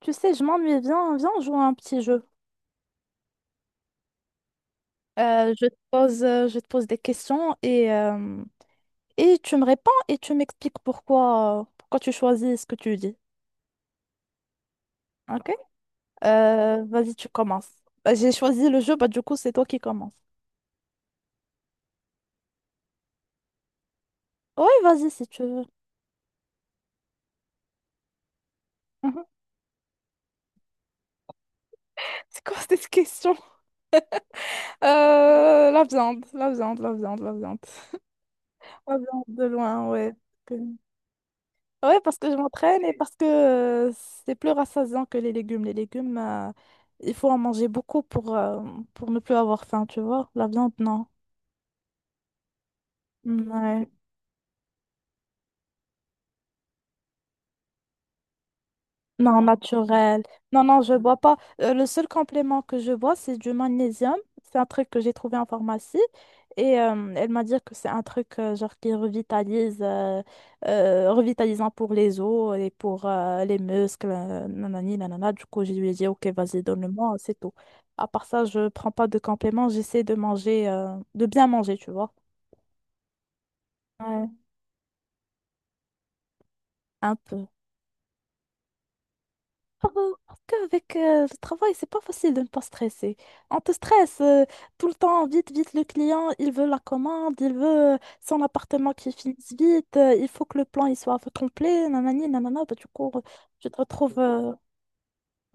Tu sais, je m'ennuie. Viens, viens, on joue à un petit jeu. Je te pose, je te pose des questions et tu me réponds et tu m'expliques pourquoi, pourquoi tu choisis ce que tu dis. Ok? Vas-y, tu commences. Bah, j'ai choisi le jeu, bah du coup, c'est toi qui commences. Oui, vas-y, si tu veux. Mhm. C'est quoi cette question? La viande, la viande, la viande, la viande. La viande de loin, ouais. Ouais, parce que je m'entraîne et parce que euh, c'est plus rassasiant que les légumes. Les légumes, il faut en manger beaucoup pour ne plus avoir faim, tu vois. La viande, non. Mm, ouais. Non, naturel. Non, non, je bois pas. Le seul complément que je bois, c'est du magnésium. C'est un truc que j'ai trouvé en pharmacie. Et elle m'a dit que c'est un truc genre qui revitalise, revitalisant pour les os et pour les muscles. Nanani, nanana. Du coup, je lui ai dit, OK, vas-y, donne-le-moi, c'est tout. À part ça, je prends pas de compléments. J'essaie de manger, de bien manger, tu vois. Ouais. Un peu. Ah, parce qu'avec le travail, c'est pas facile de ne pas stresser. On te stresse tout le temps, vite, vite, le client, il veut la commande, il veut son appartement qui finisse vite, il faut que le plan il soit complet, nanani, nanana, bah, du coup, tu te retrouves...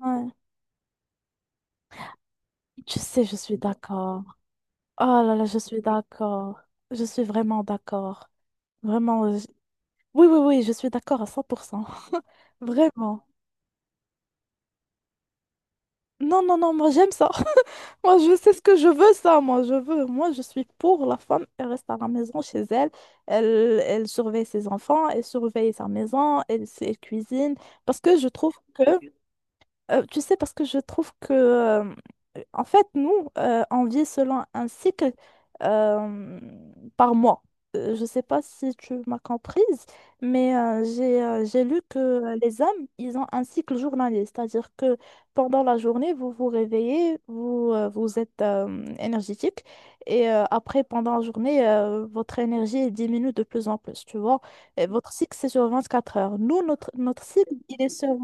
ouais. Tu sais, je suis d'accord. Oh là là, je suis d'accord. Je suis vraiment d'accord. Vraiment, oui, oui, oui, je suis d'accord à 100%. Vraiment. Non, non, non, moi j'aime ça. Moi je sais ce que je veux, ça. Moi je veux. Moi je suis pour la femme. Elle reste à la maison chez elle. Elle, elle surveille ses enfants, elle surveille sa maison, elle, elle cuisine. Parce que je trouve que, tu sais, parce que je trouve que, en fait, nous, on vit selon un cycle euh, par mois. Je ne sais pas si tu m'as comprise, mais j'ai lu que les hommes, ils ont un cycle journalier, c'est-à-dire que pendant la journée, vous vous réveillez, vous êtes énergétique, et après, pendant la journée, votre énergie diminue de plus en plus, tu vois. Et votre cycle, c'est sur 24 heures. Nous, notre, notre cycle, il est sur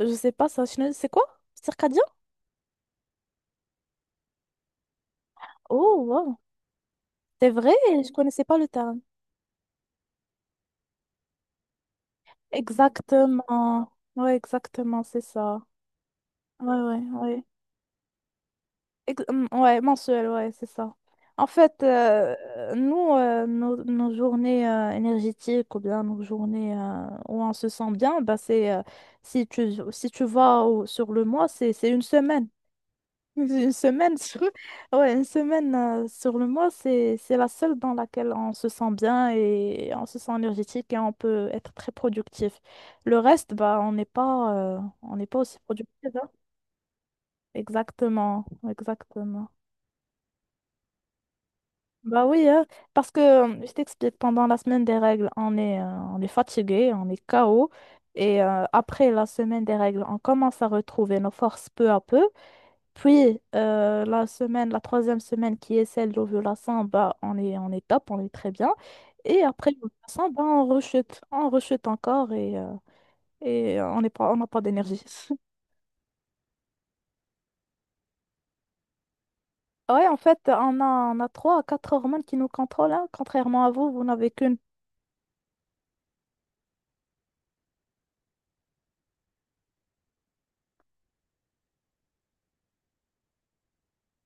je sais pas, ça, je ne- c'est quoi? Circadien? Oh, wow. C'est vrai, je connaissais pas le terme. Exactement. Ouais, exactement, c'est ça. Ouais, ouais, ouais. Ouais, mensuel, ouais, c'est ça. En fait, nous, nos journées énergétiques ou bien nos journées où on se sent bien, bah c'est si tu, si tu sur le mois, c'est une semaine. Une semaine sur... Ouais, une semaine sur le mois, c'est la seule dans laquelle on se sent bien et on se sent énergétique et on peut être très productif. Le reste, bah, on n'est pas aussi productif. Hein. Exactement, exactement. Bah oui, hein, parce que je t'explique, pendant la semaine des règles, on est fatigué, on est KO. Et après la semaine des règles, on commence à retrouver nos forces peu à peu. Puis la semaine, la troisième semaine qui est celle d'ovulation, bah, on est top, on est très bien. Et après l'ovulation, bah, on rechute encore et et on n'est pas, on n'a pas d'énergie. Ouais, en fait, on a trois à quatre hormones qui nous contrôlent, hein. Contrairement à vous, vous n'avez qu'une.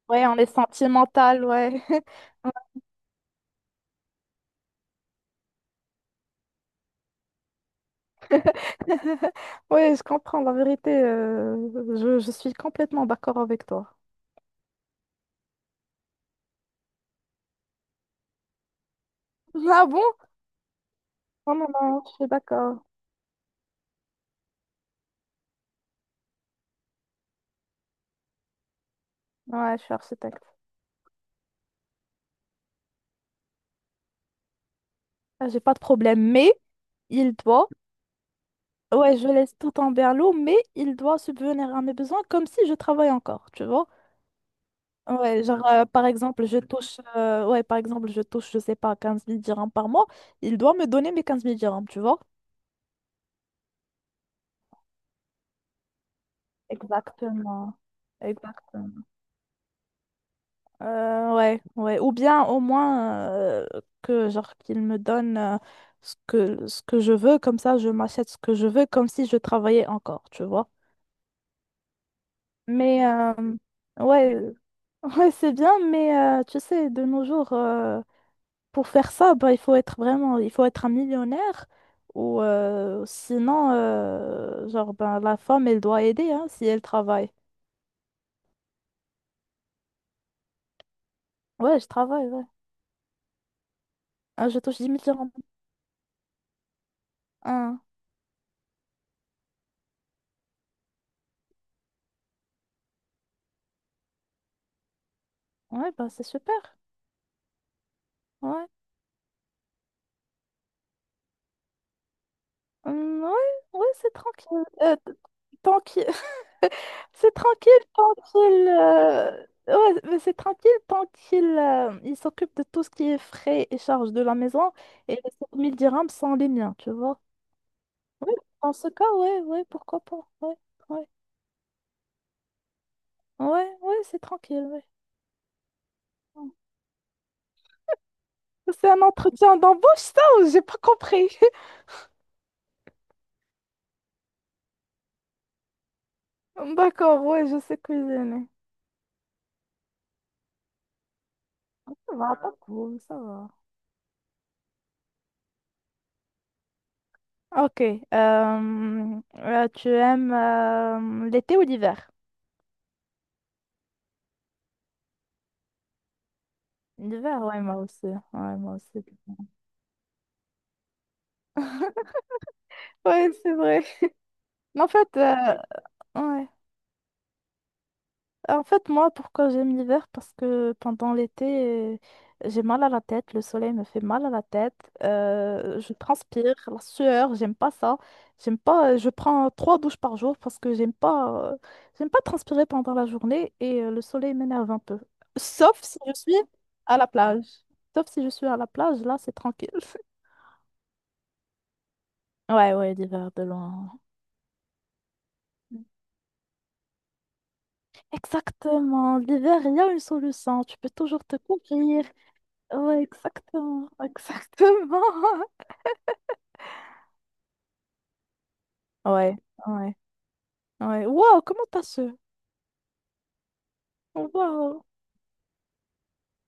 Ouais, on est sentimental, ouais. Ouais, je comprends, la vérité, je suis complètement d'accord avec toi. Ah bon? Non, non, non, je suis d'accord. Ouais, je suis architecte. Ah, j'ai pas de problème, mais il doit, ouais, je laisse tout en berlot, mais il doit subvenir à mes besoins comme si je travaille encore, tu vois. Ouais, genre, par exemple, ouais, par exemple, je touche, je sais pas, 15 000 dirhams par mois, il doit me donner mes 15 000 dirhams, tu vois. Exactement. Exactement. Ouais, ouais. Ou bien au moins que genre qu'il me donne ce que je veux, comme ça je m'achète ce que je veux, comme si je travaillais encore, tu vois. Mais euh, ouais, Ouais, c'est bien, mais tu sais, de nos jours, pour faire ça, bah, il faut être vraiment, il faut être un millionnaire ou sinon, genre, ben, la femme, elle doit aider hein, si elle travaille. Ouais, je travaille, ouais. Ah, je touche 10 000 dirhams. Ah, ouais, bah, c'est super. Ouais, hum, ouais, ouais, c'est tranquille. Tranquille. C'est tranquille tant qu'il... ouais, mais c'est tranquille tant qu'il il s'occupe de tout ce qui est frais et charges de la maison. Et les 7 000 dirhams sont les miens, tu vois. Oui, dans ce cas, ouais, ouais, pourquoi pas. Ouais, ouais, ouais, ouais, c'est tranquille, ouais. C'est un entretien d'embauche, ça, ou j'ai pas compris. D'accord, ouais, je sais cuisiner. Ça va, pas cool, ça va. Ok, tu aimes l'été ou l'hiver? L'hiver, ouais, moi aussi. Ouais, moi aussi. Ouais, c'est vrai. Mais en fait, ouais. En fait, moi, pourquoi j'aime l'hiver? Parce que pendant l'été, euh, j'ai mal à la tête, le soleil me fait mal à la tête, je transpire, la sueur, j'aime pas ça. J'aime pas, je prends 3 douches par jour parce que j'aime pas transpirer pendant la journée et le soleil m'énerve un peu. Sauf si je suis à la plage. Sauf si je suis à la plage, là, c'est tranquille. Ouais, ouais, l'hiver de loin. Exactement. L'hiver, il y a une solution. Tu peux toujours te couvrir. Ouais, exactement. Exactement. Ouais, ouais, ouais. Waouh, comment t'as su? Waouh.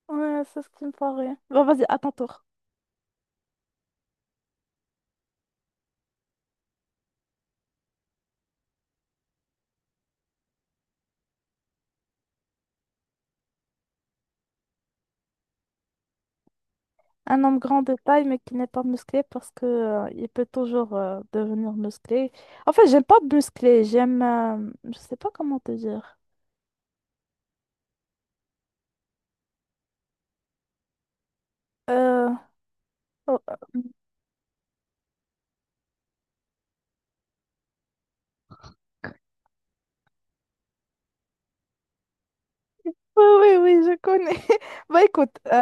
Ouais, c'est ce qui me paraît. Bon, vas-y, à ton tour. Un homme grand de taille, mais qui n'est pas musclé parce que il peut toujours devenir musclé. En fait, j'aime pas musclé. J'aime. Je sais pas comment te dire. Euh, oh, euh, Oui, oui, oui, je connais. Bah écoute,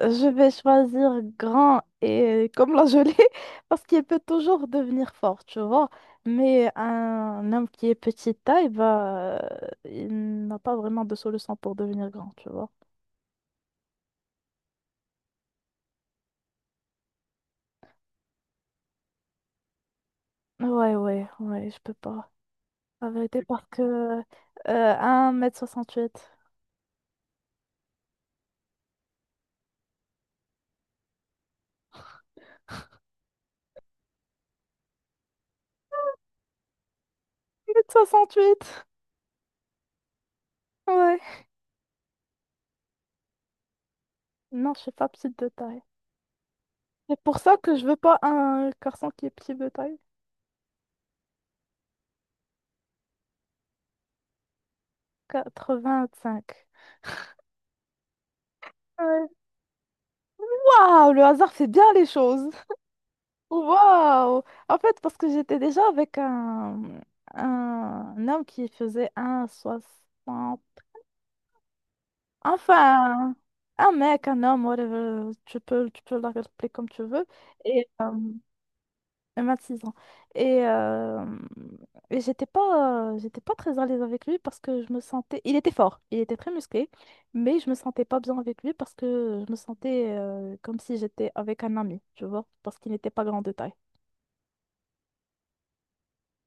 je vais choisir grand et comme la gelée parce qu'il peut toujours devenir fort, tu vois. Mais un homme qui est petite taille, bah, il n'a pas vraiment de solution pour devenir grand, tu vois. Ouais, ouais, ouais, je peux pas. La vérité, parce que 1m68. Mètre soixante huit ouais. Non, je suis pas petite de taille. C'est pour ça que je veux pas un garçon qui est petit de taille. Quatre-vingt-cinq. Ouais. Waouh, le hasard fait bien les choses. Waouh. En fait, parce que j'étais déjà avec un homme qui faisait 1,60 m. Enfin, un mec, un homme, whatever, tu peux l'appeler comme tu veux. Et 26 ans. Et, euh, et j'étais pas très à l'aise avec lui parce que je me sentais. Il était fort, il était très musclé, mais je me sentais pas bien avec lui parce que je me sentais comme si j'étais avec un ami, tu vois, parce qu'il n'était pas grand de taille,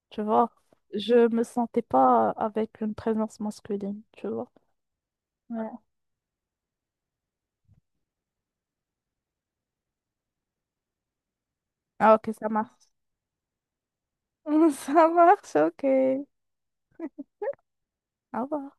tu vois. Je me sentais pas avec une présence masculine, tu vois. Ouais. Ah, ok, ça marche. Ça marche, ok. Au revoir.